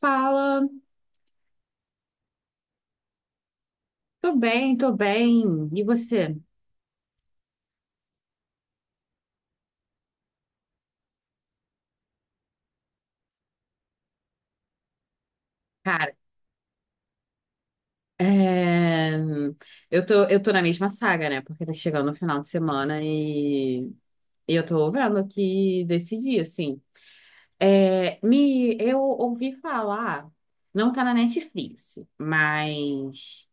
Fala, tô bem, tô bem. E você? Cara, é, eu tô na mesma saga, né? Porque tá chegando o final de semana e eu tô vendo aqui decidir, assim. Eu ouvi falar, não tá na Netflix, mas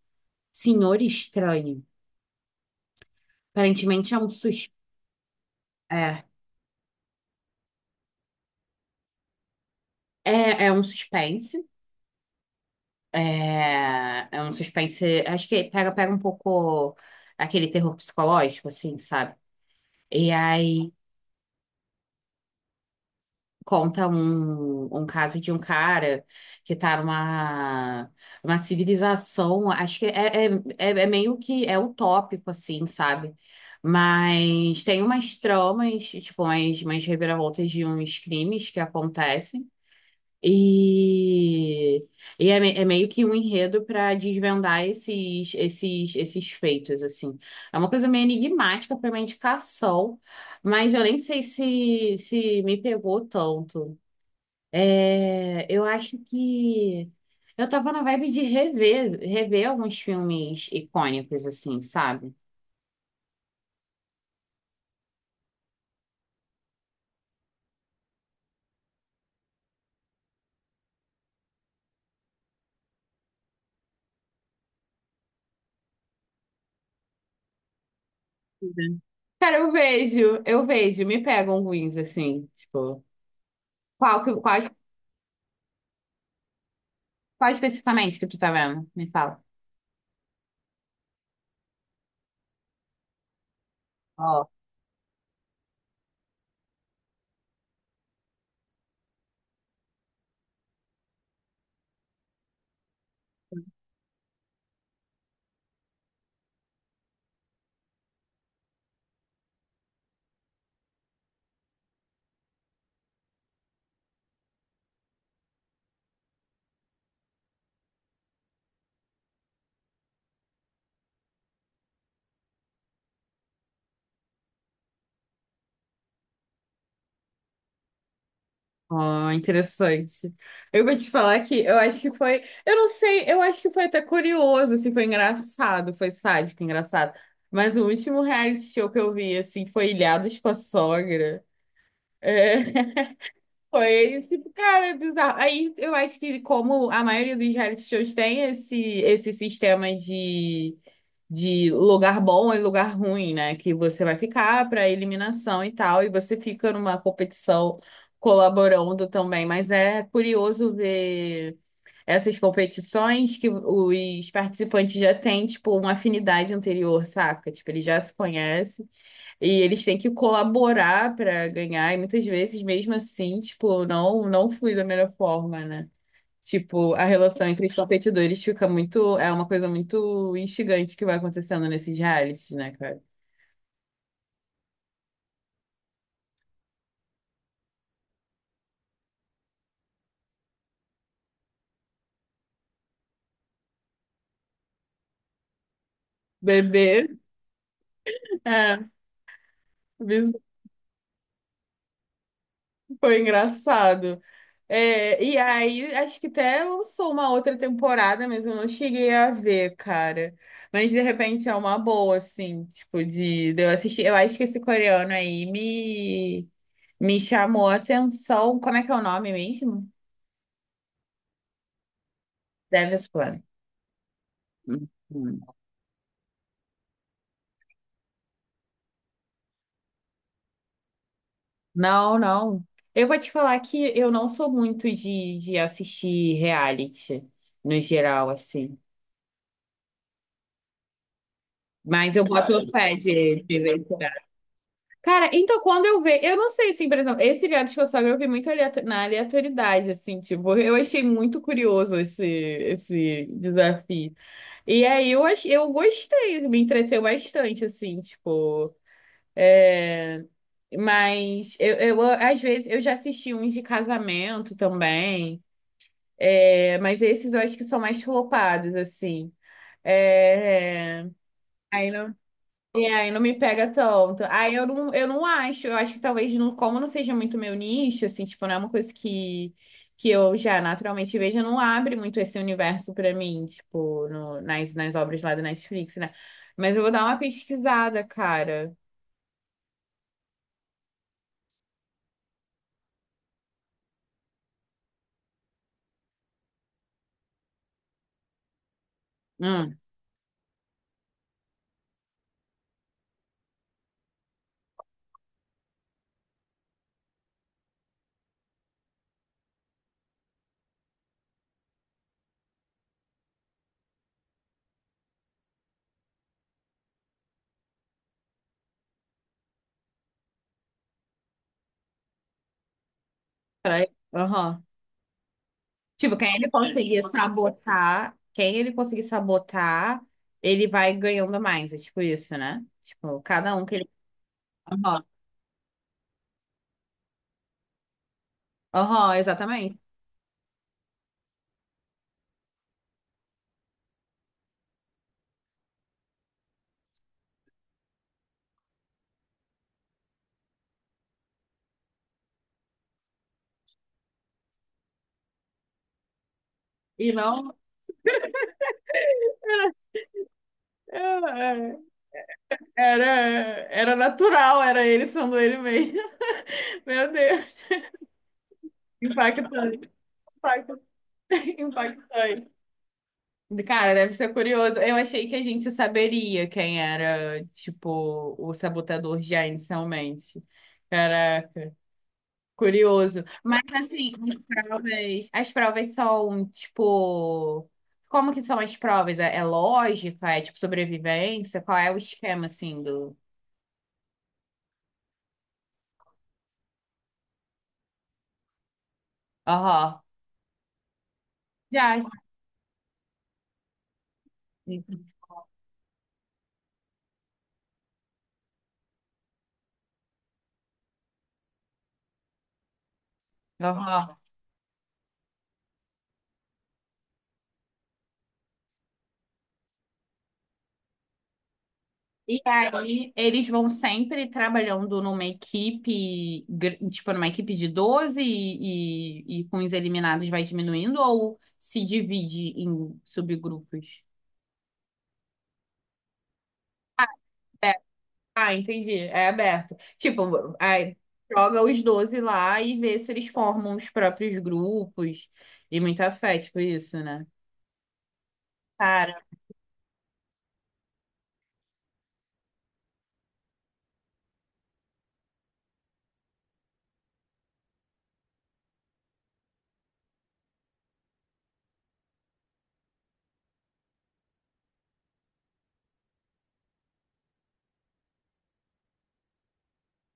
Senhor Estranho. Aparentemente é um sus... é, é um suspense. É, é um suspense. Acho que pega um pouco aquele terror psicológico, assim, sabe? E aí conta um caso de um cara que tá numa uma civilização, acho que é meio que é utópico, assim, sabe? Mas tem umas tramas, tipo, umas reviravoltas de uns crimes que acontecem. E, é meio que um enredo para desvendar esses feitos, assim. É uma coisa meio enigmática para uma indicação, mas eu nem sei se me pegou tanto. É, eu acho que eu tava na vibe de rever alguns filmes icônicos, assim, sabe? Uhum. Cara, eu vejo, me pegam ruins, assim, tipo, quais qual especificamente que tu tá vendo? Me fala. Ó, interessante. Eu vou te falar que eu acho que foi, eu não sei, eu acho que foi até curioso, assim, foi engraçado, foi sádico, engraçado. Mas o último reality show que eu vi, assim, foi Ilhados com a Sogra. É, foi, tipo, cara, é bizarro. Aí eu acho que como a maioria dos reality shows tem esse sistema de lugar bom e lugar ruim, né? Que você vai ficar para eliminação e tal, e você fica numa competição colaborando também. Mas é curioso ver essas competições que os participantes já têm, tipo, uma afinidade anterior, saca? Tipo, eles já se conhecem e eles têm que colaborar para ganhar, e muitas vezes, mesmo assim, tipo, não flui da melhor forma, né? Tipo, a relação entre os competidores fica muito. É uma coisa muito instigante que vai acontecendo nesses realities, né, cara? Bebê. É, isso foi engraçado. É, e aí, acho que até lançou uma outra temporada, mas eu não cheguei a ver, cara. Mas de repente é uma boa, assim, tipo, de eu assistir. Eu acho que esse coreano aí me chamou a atenção. Como é que é o nome mesmo? Devil's Plan. Não, não. Eu vou te falar que eu não sou muito de assistir reality, no geral, assim. Mas eu boto Ah, fé de ver esse reality. Cara, então quando eu vejo, eu não sei, assim, por exemplo, esse reality que eu vi muito aleato- na aleatoriedade, assim, tipo, eu achei muito curioso esse desafio. E aí eu gostei, me entreteu bastante, assim, tipo. é, Mas às vezes, eu já assisti uns de casamento também. É, mas esses eu acho que são mais flopados, assim. É, aí não, E aí não me pega tanto. Aí eu não, Eu não acho, eu acho que talvez, não, como não seja muito meu nicho, assim, tipo, não é uma coisa que eu já naturalmente vejo, não abre muito esse universo pra mim, tipo, nas obras lá do Netflix, né? Mas eu vou dar uma pesquisada, cara. Hum, peraí. Aham. Tipo, quem ele conseguir sabotar, ele vai ganhando mais. É tipo isso, né? Tipo, cada um que ele. Aham, aham, exatamente. E não. é, é, Era, era natural, era ele sendo ele mesmo. Meu Deus. Impactante, impactante, impactante. Cara, deve ser curioso. Eu achei que a gente saberia quem era, tipo, o sabotador já inicialmente. Cara, curioso. Mas assim, as provas são tipo, como que são as provas? É, é lógica? É tipo sobrevivência? Qual é o esquema assim do? Aham. Já, já. Aham. E aí eles vão sempre trabalhando numa equipe, tipo numa equipe de 12 e com os eliminados vai diminuindo ou se divide em subgrupos? Ah, entendi. É aberto. Tipo, aí joga os 12 lá e vê se eles formam os próprios grupos e muita fé, tipo isso, né? Cara,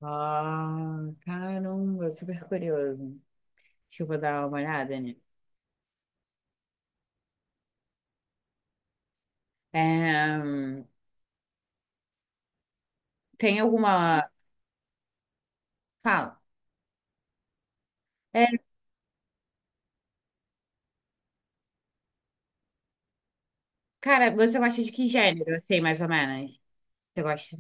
ah, caramba, super curioso. Deixa eu vou dar uma olhada, né? É, tem alguma. Fala. É, cara, você gosta de que gênero, assim, mais ou menos? Você gosta?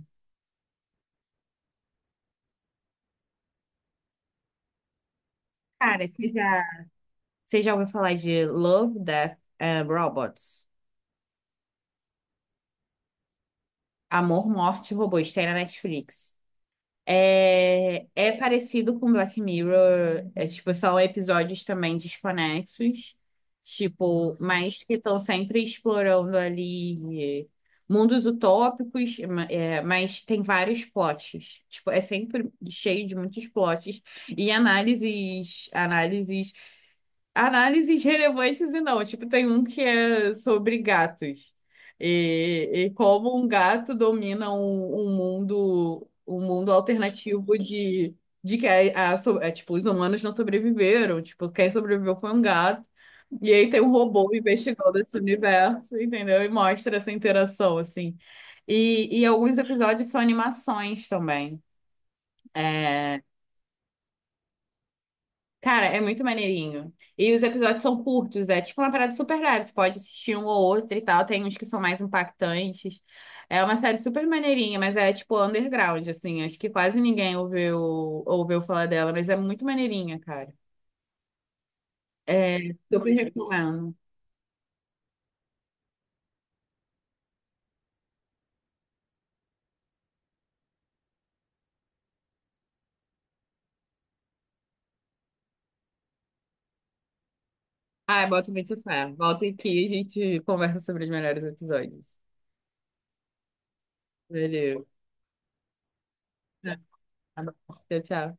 Cara, você já, Você já ouviu falar de Love, Death and Robots? Amor, Morte e Robôs, tem na Netflix. É, é parecido com Black Mirror, é tipo, são episódios também desconexos, tipo, mas que estão sempre explorando ali mundos utópicos, é, mas tem vários plots. Tipo, é sempre cheio de muitos plots e análises relevantes e não. Tipo, tem um que é sobre gatos e como um gato domina um mundo alternativo de que é, tipo, os humanos não sobreviveram. Tipo, quem sobreviveu foi um gato. E aí tem um robô investigando esse universo, entendeu? E mostra essa interação, assim. E alguns episódios são animações também. É, cara, é muito maneirinho. E os episódios são curtos, é tipo uma parada super leve. Você pode assistir um ou outro e tal. Tem uns que são mais impactantes. É uma série super maneirinha, mas é tipo underground, assim. Acho que quase ninguém ouviu falar dela, mas é muito maneirinha, cara. É, super recomendo. Ah, bota muito fé. Volta aqui e a gente conversa sobre os melhores episódios. Beleza. Tá bom. Tchau, tchau.